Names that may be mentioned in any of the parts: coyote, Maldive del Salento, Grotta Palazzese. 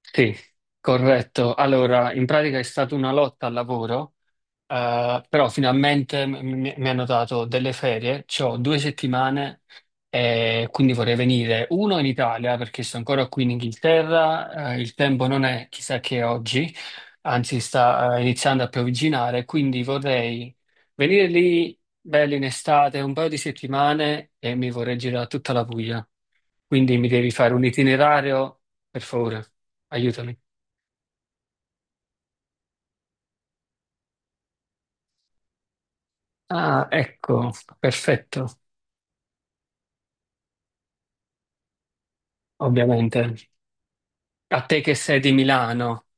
Sì, corretto. Allora, in pratica è stata una lotta al lavoro però finalmente mi hanno dato delle ferie, ho due settimane e quindi vorrei venire uno in Italia perché sono ancora qui in Inghilterra, il tempo non è chissà che oggi, anzi sta iniziando a piovigginare, quindi vorrei venire lì belli in estate un paio di settimane e mi vorrei girare tutta la Puglia. Quindi mi devi fare un itinerario, per favore, aiutami. Ah, ecco, perfetto, ovviamente. A te che sei di Milano,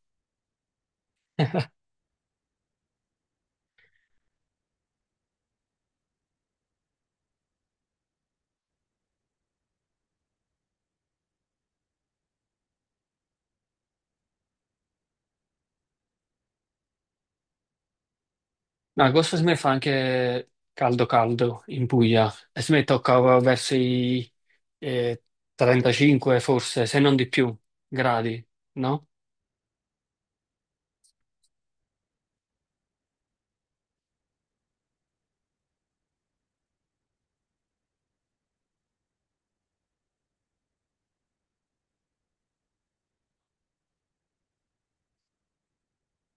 no, agosto si me fa anche caldo caldo in Puglia e si me tocca verso i eh, 35 forse, se non di più, gradi, no?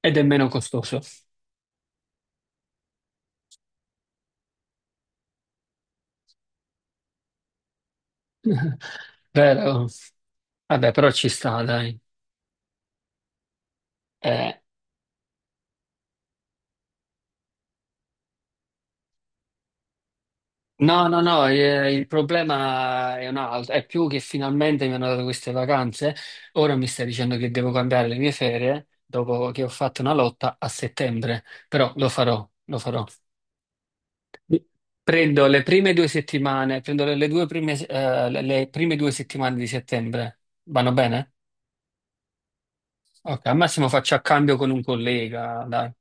Ed è meno costoso. Vero? Vabbè, però ci sta, dai. Eh, no, no, no, il problema è un altro, è più che finalmente mi hanno dato queste vacanze, ora mi stai dicendo che devo cambiare le mie ferie dopo che ho fatto una lotta a settembre, però lo farò, lo farò. Prendo le prime due settimane, prendo le prime due settimane di settembre. Vanno bene? Ok, al massimo faccio a cambio con un collega, dai.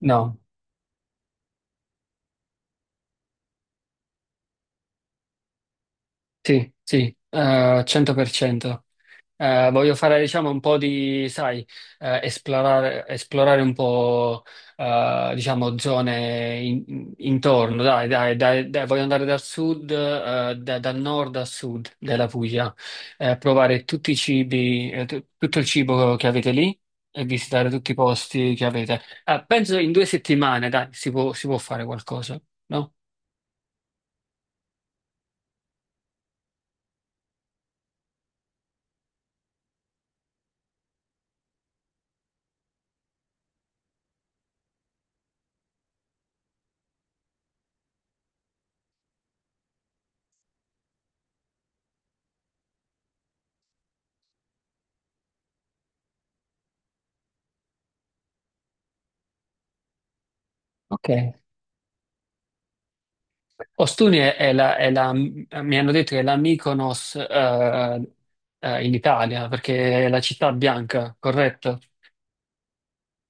No, sì, sì, 100%. Voglio fare, diciamo, un po' di, sai, esplorare un po', diciamo, zone intorno. Dai, dai, dai, dai, voglio andare dal sud, dal nord al sud della Puglia, provare tutti i cibi, tutto il cibo che avete lì e visitare tutti i posti che avete. Penso in due settimane, dai, si può fare qualcosa, no? Ok. Ostuni è la, mi hanno detto che è la Mykonos in Italia, perché è la città bianca, corretto?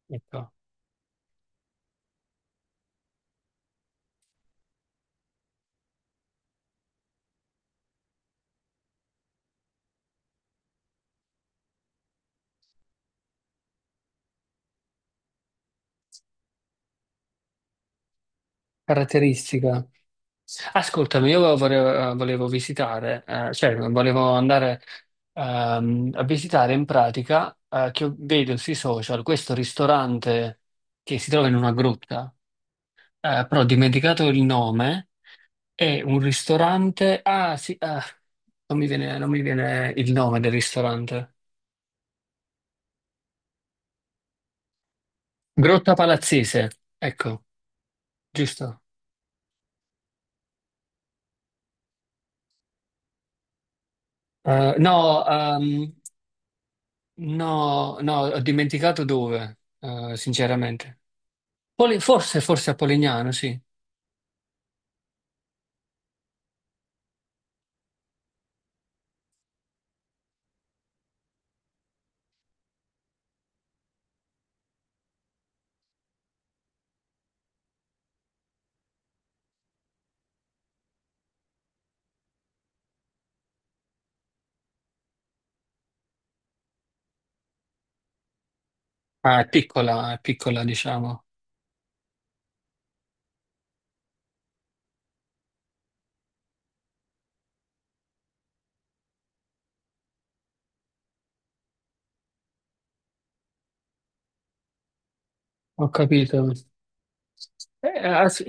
Ecco, caratteristica. Ascoltami, io volevo visitare, cioè volevo andare a visitare in pratica, che vedo sui social, questo ristorante che si trova in una grotta, però ho dimenticato il nome. È un ristorante. Ah, sì, ah, non mi viene il nome del ristorante. Grotta Palazzese, ecco, giusto. No, no, no, ho dimenticato dove, sinceramente. Forse, forse a Polignano, sì. Ah, è piccola, diciamo. Ho capito. Ah, sì.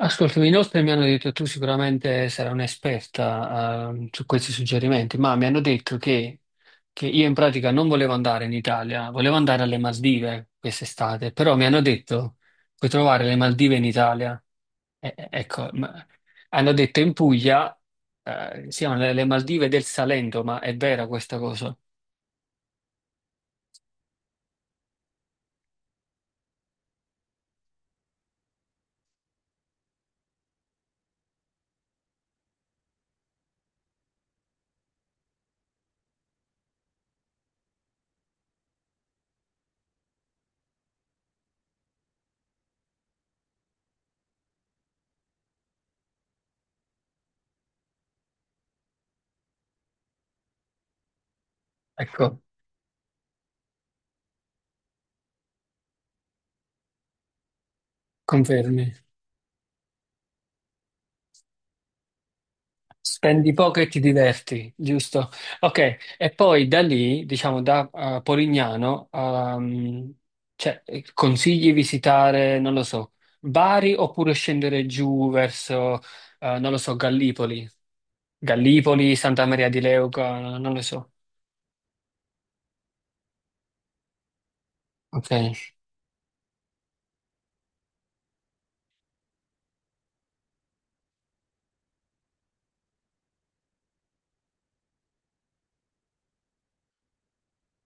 Ascoltami, inoltre mi hanno detto tu sicuramente sarai un'esperta su questi suggerimenti, ma mi hanno detto che io in pratica non volevo andare in Italia, volevo andare alle Maldive quest'estate, però mi hanno detto puoi trovare le Maldive in Italia. Ecco, hanno detto in Puglia siano le Maldive del Salento, ma è vera questa cosa? Ecco, confermi. Spendi poco e ti diverti, giusto? Ok, e poi da lì, diciamo da Polignano, cioè, consigli visitare, non lo so, Bari oppure scendere giù verso, non lo so, Gallipoli, Gallipoli, Santa Maria di Leuca, non lo so. Ok,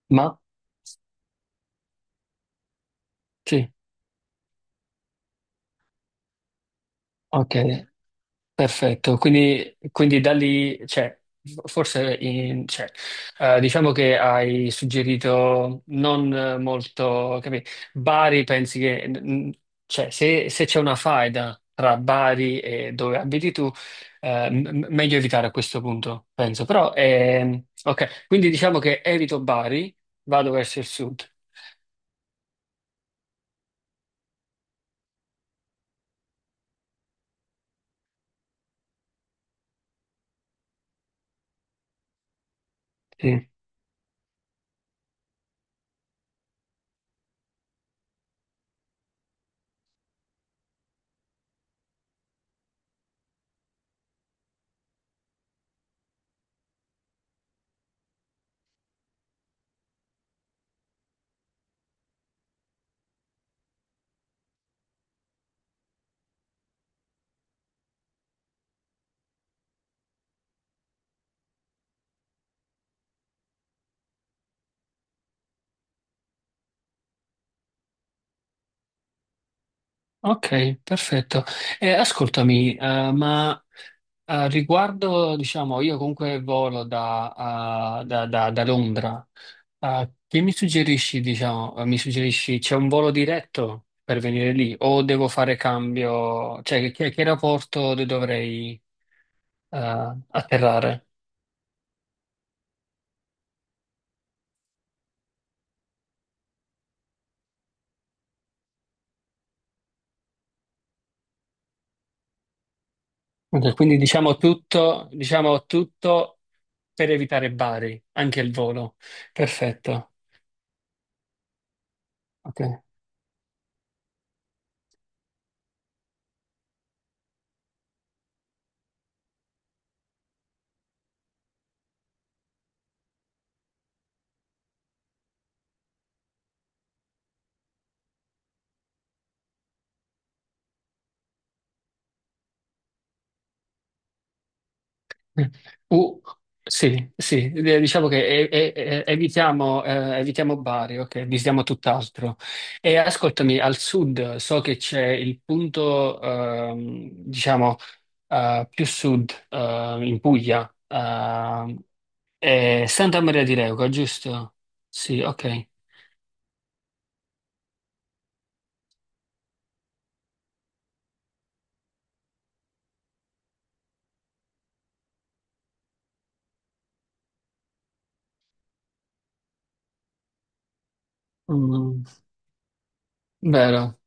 ma sì, ok. Perfetto, quindi, quindi da lì, cioè, cioè, diciamo che hai suggerito non molto, capì? Bari, pensi che, mm, cioè, se, se c'è una faida tra Bari e dove abiti tu, meglio evitare a questo punto, penso. Però, ok, quindi diciamo che evito Bari, vado verso il sud. Sì. Ok, perfetto. Ascoltami, ma... riguardo, diciamo, io comunque volo da, ah, da Londra. Ah, che mi suggerisci, diciamo, mi suggerisci c'è un volo diretto per venire lì o devo fare cambio? Cioè, che aeroporto dovrei, eh, atterrare? Ok, quindi diciamo tutto per evitare Bari, anche il volo. Perfetto. Ok. Mm. Uh, sì, sì, diciamo che evitiamo, evitiamo Bari, ok, evitiamo tutt'altro. E ascoltami, al sud so che c'è il punto, diciamo, più sud, in Puglia, è Santa Maria di Leuca, giusto? Sì, ok. Mm, vero.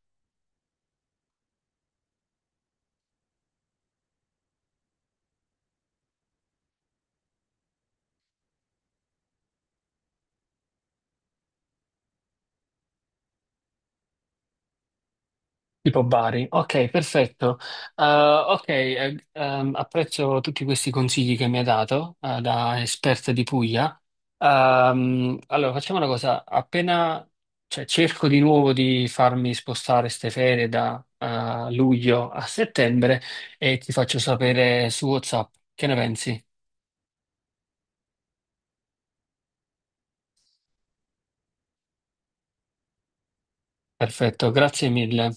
Tipo Bari, ok, perfetto. Ok, apprezzo tutti questi consigli che mi ha dato, da esperta di Puglia. Allora, facciamo una cosa, appena, cioè, cerco di nuovo di farmi spostare ste ferie da, luglio a settembre e ti faccio sapere su WhatsApp. Che ne pensi? Perfetto, grazie mille.